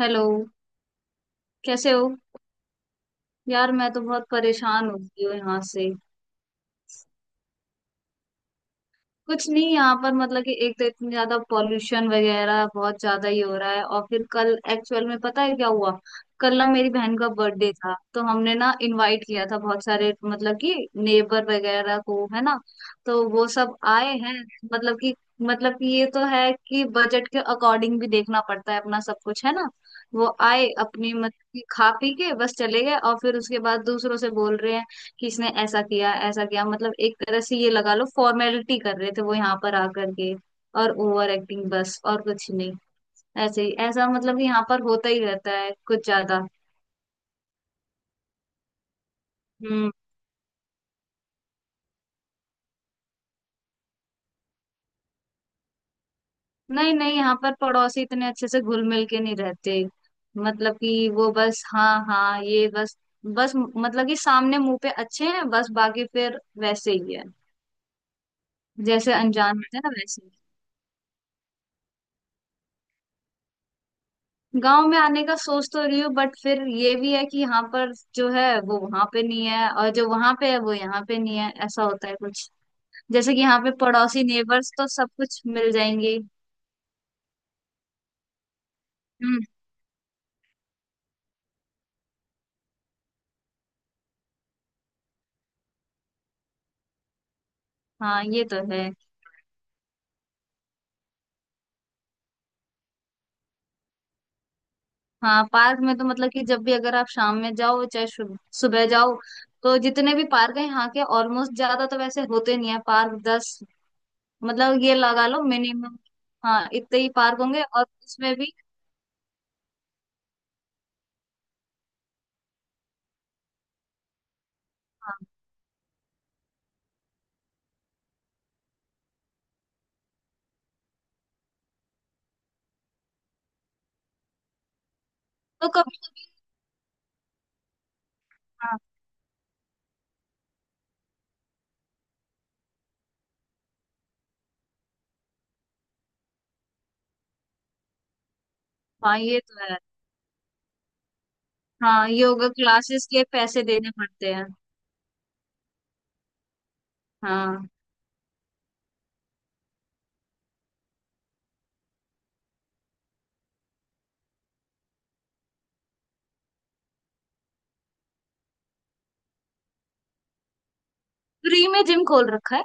Hello. कैसे हो? यार, मैं तो बहुत परेशान हो गई हूँ यहाँ से। कुछ नहीं, यहाँ पर मतलब कि एक तो इतनी ज्यादा पॉल्यूशन वगैरह बहुत ज्यादा ही हो रहा है। और फिर कल एक्चुअल में पता है क्या हुआ? कल ना मेरी बहन का बर्थडे था, तो हमने ना इनवाइट किया था बहुत सारे मतलब कि नेबर वगैरह को, है ना। तो वो सब आए हैं। मतलब कि मतलब कि ये तो है कि बजट के अकॉर्डिंग भी देखना पड़ता है अपना सब कुछ, है ना। वो आए अपनी मतलब कि खा पी के बस चले गए, और फिर उसके बाद दूसरों से बोल रहे हैं कि इसने ऐसा किया ऐसा किया। मतलब एक तरह से ये लगा लो फॉर्मेलिटी कर रहे थे वो यहाँ पर आकर के, और ओवर एक्टिंग, बस और कुछ नहीं। ऐसे ही ऐसा मतलब कि यहाँ पर होता ही रहता है कुछ ज्यादा। हम्म। नहीं नहीं, यहाँ पर पड़ोसी इतने अच्छे से घुल मिल के नहीं रहते। मतलब कि वो बस हाँ हाँ ये बस, बस मतलब कि सामने मुंह पे अच्छे हैं, बस बाकी फिर वैसे ही है, जैसे अनजान होते हैं ना, वैसे। गांव में आने का सोच तो रही हूँ, बट फिर ये भी है कि यहाँ पर जो है वो वहां पे नहीं है, और जो वहां पे है वो यहाँ पे नहीं है, ऐसा होता है कुछ। जैसे कि यहाँ पे पड़ोसी, नेबर्स, तो सब कुछ मिल जाएंगे। हम्म। हाँ ये तो है। हाँ पार्क में तो मतलब कि जब भी, अगर आप शाम में जाओ चाहे सुबह जाओ, तो जितने भी पार्क हैं यहाँ के, ऑलमोस्ट ज्यादा तो वैसे होते नहीं है पार्क, 10, मतलब ये लगा लो मिनिमम। हाँ इतने ही पार्क होंगे, और उसमें भी। हाँ तो कभी। हाँ हाँ ये तो है। हाँ योगा क्लासेस के पैसे देने पड़ते हैं। हाँ फ्री में जिम खोल रखा है?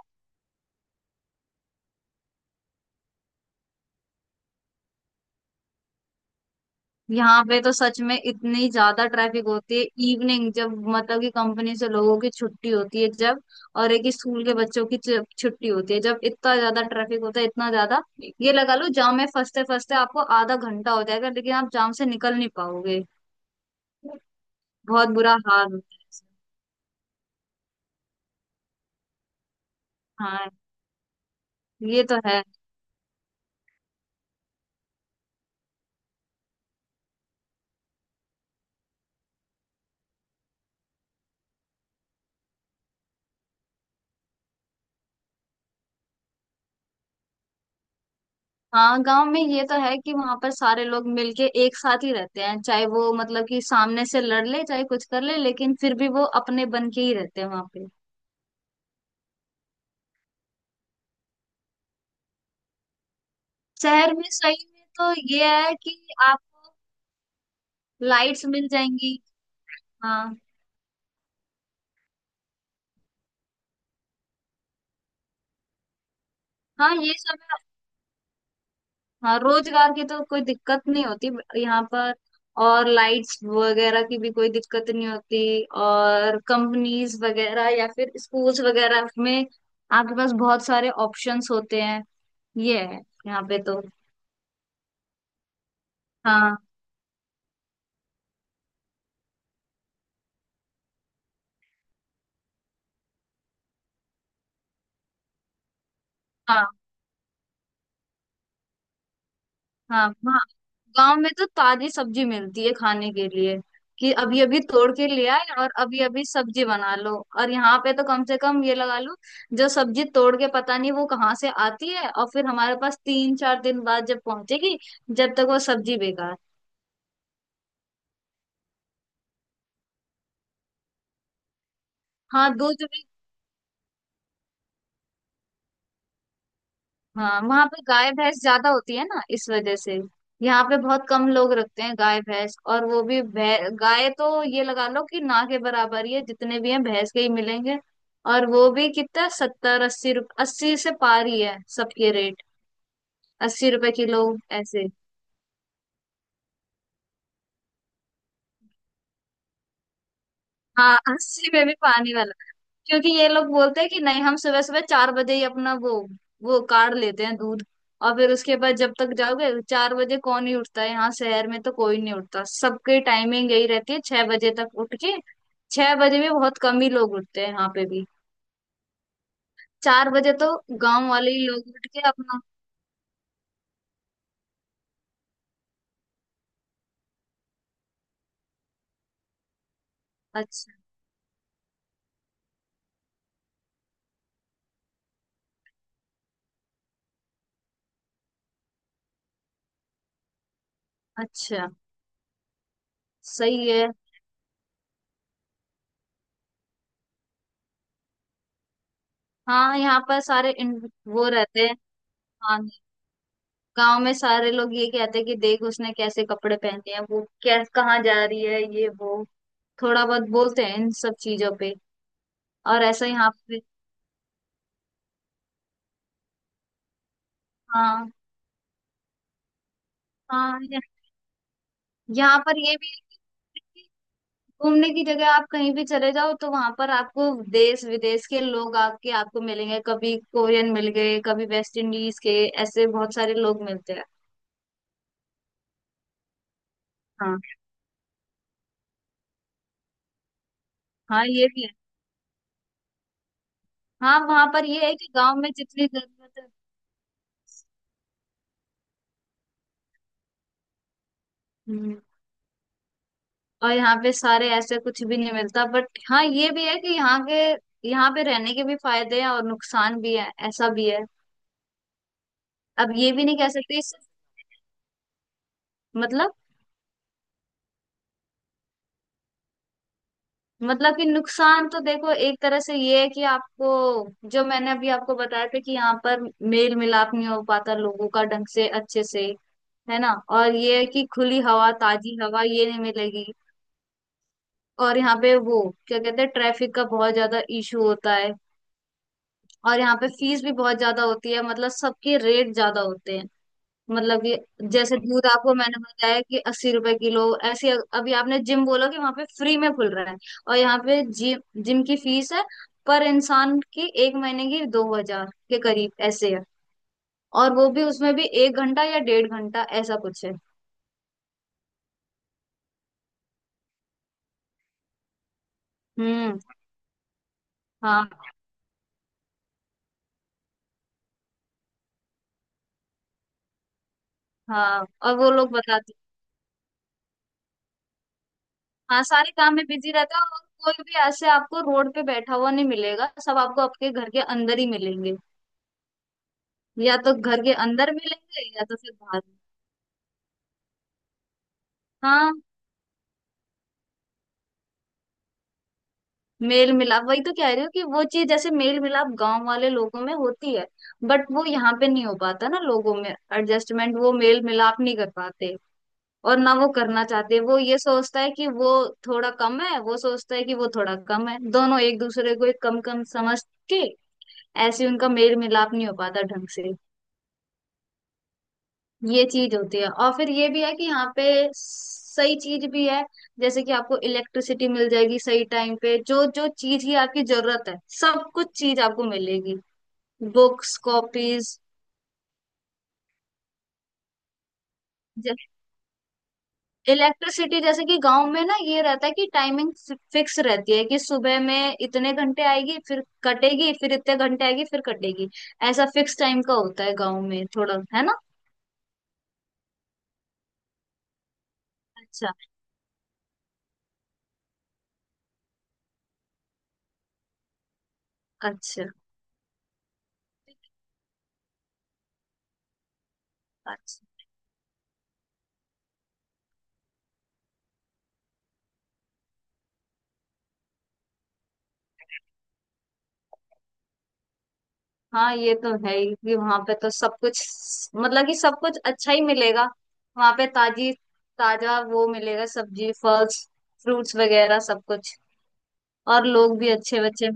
यहाँ पे तो सच में इतनी ज्यादा ट्रैफिक होती है। इवनिंग जब मतलब कि कंपनी से लोगों की छुट्टी होती है जब, और एक स्कूल के बच्चों की छुट्टी होती है जब, इतना ज्यादा ट्रैफिक होता है, इतना ज्यादा। ये लगा लो जाम में फंसते फंसते आपको आधा घंटा हो जाएगा, लेकिन आप जाम से निकल नहीं पाओगे। बहुत बुरा हाल होता है। हाँ ये तो है। हाँ गांव में ये तो है कि वहां पर सारे लोग मिलके एक साथ ही रहते हैं, चाहे वो मतलब कि सामने से लड़ ले चाहे कुछ कर ले, लेकिन फिर भी वो अपने बन के ही रहते हैं वहां पे। शहर में सही में तो ये है कि आपको लाइट्स मिल जाएंगी। हाँ। हाँ ये सब है। हाँ रोजगार की तो कोई दिक्कत नहीं होती यहाँ पर। और लाइट्स वगैरह की भी कोई दिक्कत नहीं होती। और कंपनीज वगैरह या फिर स्कूल्स वगैरह में आपके पास बहुत सारे ऑप्शंस होते हैं। ये है। यहाँ पे तो, हाँ। हाँ। हाँ वहाँ, गांव में तो ताजी सब्जी मिलती है खाने के लिए, कि अभी अभी तोड़ के ले आए और अभी अभी सब्जी बना लो। और यहाँ पे तो कम से कम ये लगा लो, जो सब्जी तोड़ के पता नहीं वो कहाँ से आती है, और फिर हमारे पास 3 4 दिन बाद जब पहुंचेगी, जब तक वो सब्जी बेकार। हाँ दूध। हाँ वहां पे गाय भैंस ज्यादा होती है ना, इस वजह से। यहाँ पे बहुत कम लोग रखते हैं गाय भैंस, और वो भी गाय तो ये लगा लो कि ना के बराबर ही है, जितने भी हैं भैंस के ही मिलेंगे। और वो भी कितना 70 80 रुप 80 से पार ही है सबके रेट। 80 रुपए किलो ऐसे। हाँ 80 में भी पानी वाला। क्योंकि ये लोग बोलते हैं कि नहीं, हम सुबह सुबह 4 बजे ही अपना वो काढ़ लेते हैं दूध। और फिर उसके बाद जब तक जाओगे, 4 बजे कौन ही उठता है? यहाँ शहर में तो कोई नहीं उठता, सबकी टाइमिंग यही रहती है 6 बजे तक उठ के। 6 बजे भी बहुत कम ही लोग उठते हैं यहाँ पे भी। 4 बजे तो गांव वाले ही लोग उठ के अपना। अच्छा, अच्छा। सही है। हाँ यहाँ पर सारे इन, वो रहते हैं। हाँ गांव में सारे लोग ये कहते हैं कि देख उसने कैसे कपड़े पहने हैं, वो कैसे कहाँ जा रही है, ये वो थोड़ा बहुत बोलते हैं इन सब चीजों पे। और ऐसा यहाँ पे। हाँ। हाँ यहाँ पर ये भी है कि घूमने की जगह आप कहीं भी चले जाओ तो वहां पर आपको देश विदेश के लोग आके आपको मिलेंगे, कभी कोरियन मिल गए कभी वेस्ट इंडीज के, ऐसे बहुत सारे लोग मिलते हैं। हाँ। हाँ ये भी है। हाँ वहां पर ये है कि गांव में जितनी जरूरत है। हम्म। और यहाँ पे सारे ऐसे कुछ भी नहीं मिलता, बट हाँ ये भी है कि यहाँ के, यहाँ पे रहने के भी फायदे हैं और नुकसान भी है, ऐसा भी है। अब ये भी नहीं कह सकते इस, मतलब। मतलब कि नुकसान तो देखो एक तरह से ये है कि आपको, जो मैंने अभी आपको बताया था कि यहाँ पर मेल मिलाप नहीं हो पाता लोगों का ढंग से अच्छे से, है ना। और ये है कि खुली हवा, ताजी हवा ये नहीं मिलेगी। और यहाँ पे वो क्या कहते हैं, ट्रैफिक का बहुत ज्यादा इशू होता है। और यहाँ पे फीस भी बहुत ज्यादा होती है, मतलब सबके रेट ज्यादा होते हैं। मतलब कि जैसे दूध आपको मैंने बताया कि 80 रुपए किलो ऐसे। अभी आपने जिम बोला कि वहां पे फ्री में खुल रहा है, और यहाँ पे जिम जिम की फीस है पर इंसान की 1 महीने की 2,000 के करीब ऐसे है। और वो भी उसमें भी 1 घंटा या 1.5 घंटा ऐसा कुछ है। हम्म। हाँ। हाँ और वो लोग बताते, हाँ सारे काम में बिजी रहता है और कोई भी ऐसे आपको रोड पे बैठा हुआ नहीं मिलेगा, सब आपको आपके घर के अंदर ही मिलेंगे, या तो घर के अंदर मिलेंगे या तो फिर बाहर। हाँ, मेल मिलाप वही तो कह रही हूँ कि वो चीज जैसे मेल मिलाप गांव वाले लोगों में होती है, बट वो यहाँ पे नहीं हो पाता ना, लोगों में एडजस्टमेंट वो मेल मिलाप नहीं कर पाते। और ना वो करना चाहते, वो ये सोचता है कि वो थोड़ा कम है, वो सोचता है कि वो थोड़ा कम है, दोनों एक दूसरे को एक कम कम समझ के ऐसे उनका मेल मिलाप नहीं हो पाता ढंग से। ये चीज होती है। और फिर ये भी है कि यहाँ पे सही चीज भी है, जैसे कि आपको इलेक्ट्रिसिटी मिल जाएगी सही टाइम पे, जो जो चीज की आपकी जरूरत है, सब कुछ चीज आपको मिलेगी। Books, copies, electricity. जैसे कि गांव में ना ये रहता है कि टाइमिंग फिक्स रहती है, कि सुबह में इतने घंटे आएगी फिर कटेगी, फिर इतने घंटे आएगी फिर कटेगी, ऐसा फिक्स टाइम का होता है गांव में थोड़ा, है ना। अच्छा। अच्छा। अच्छा। हाँ ये तो है ही कि वहां पे तो सब कुछ मतलब कि सब कुछ अच्छा ही मिलेगा। वहां पे ताजी, ताजा वो मिलेगा, सब्जी फल फ्रूट्स वगैरह सब कुछ। और लोग भी अच्छे, बच्चे।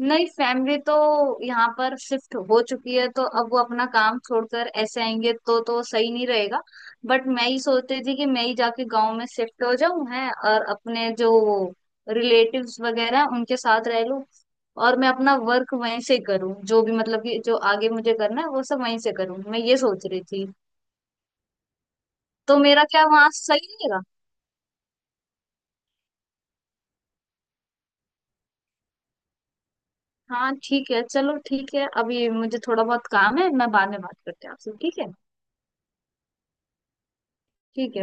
नहीं फैमिली तो यहाँ पर शिफ्ट हो चुकी है, तो अब वो अपना काम छोड़कर ऐसे आएंगे तो सही नहीं रहेगा। बट मैं ही सोचती थी कि मैं ही जाके गांव में शिफ्ट हो जाऊं है, और अपने जो रिलेटिव्स वगैरह हैं, उनके साथ रह लूं। और मैं अपना वर्क वहीं से करूं, जो भी मतलब कि जो आगे मुझे करना है वो सब वहीं से करूं, मैं ये सोच रही थी। तो मेरा क्या वहां सही रहेगा? हाँ ठीक है, चलो ठीक है। अभी मुझे थोड़ा बहुत काम है, मैं बाद में बात करती हूँ आपसे, ठीक है। ठीक है।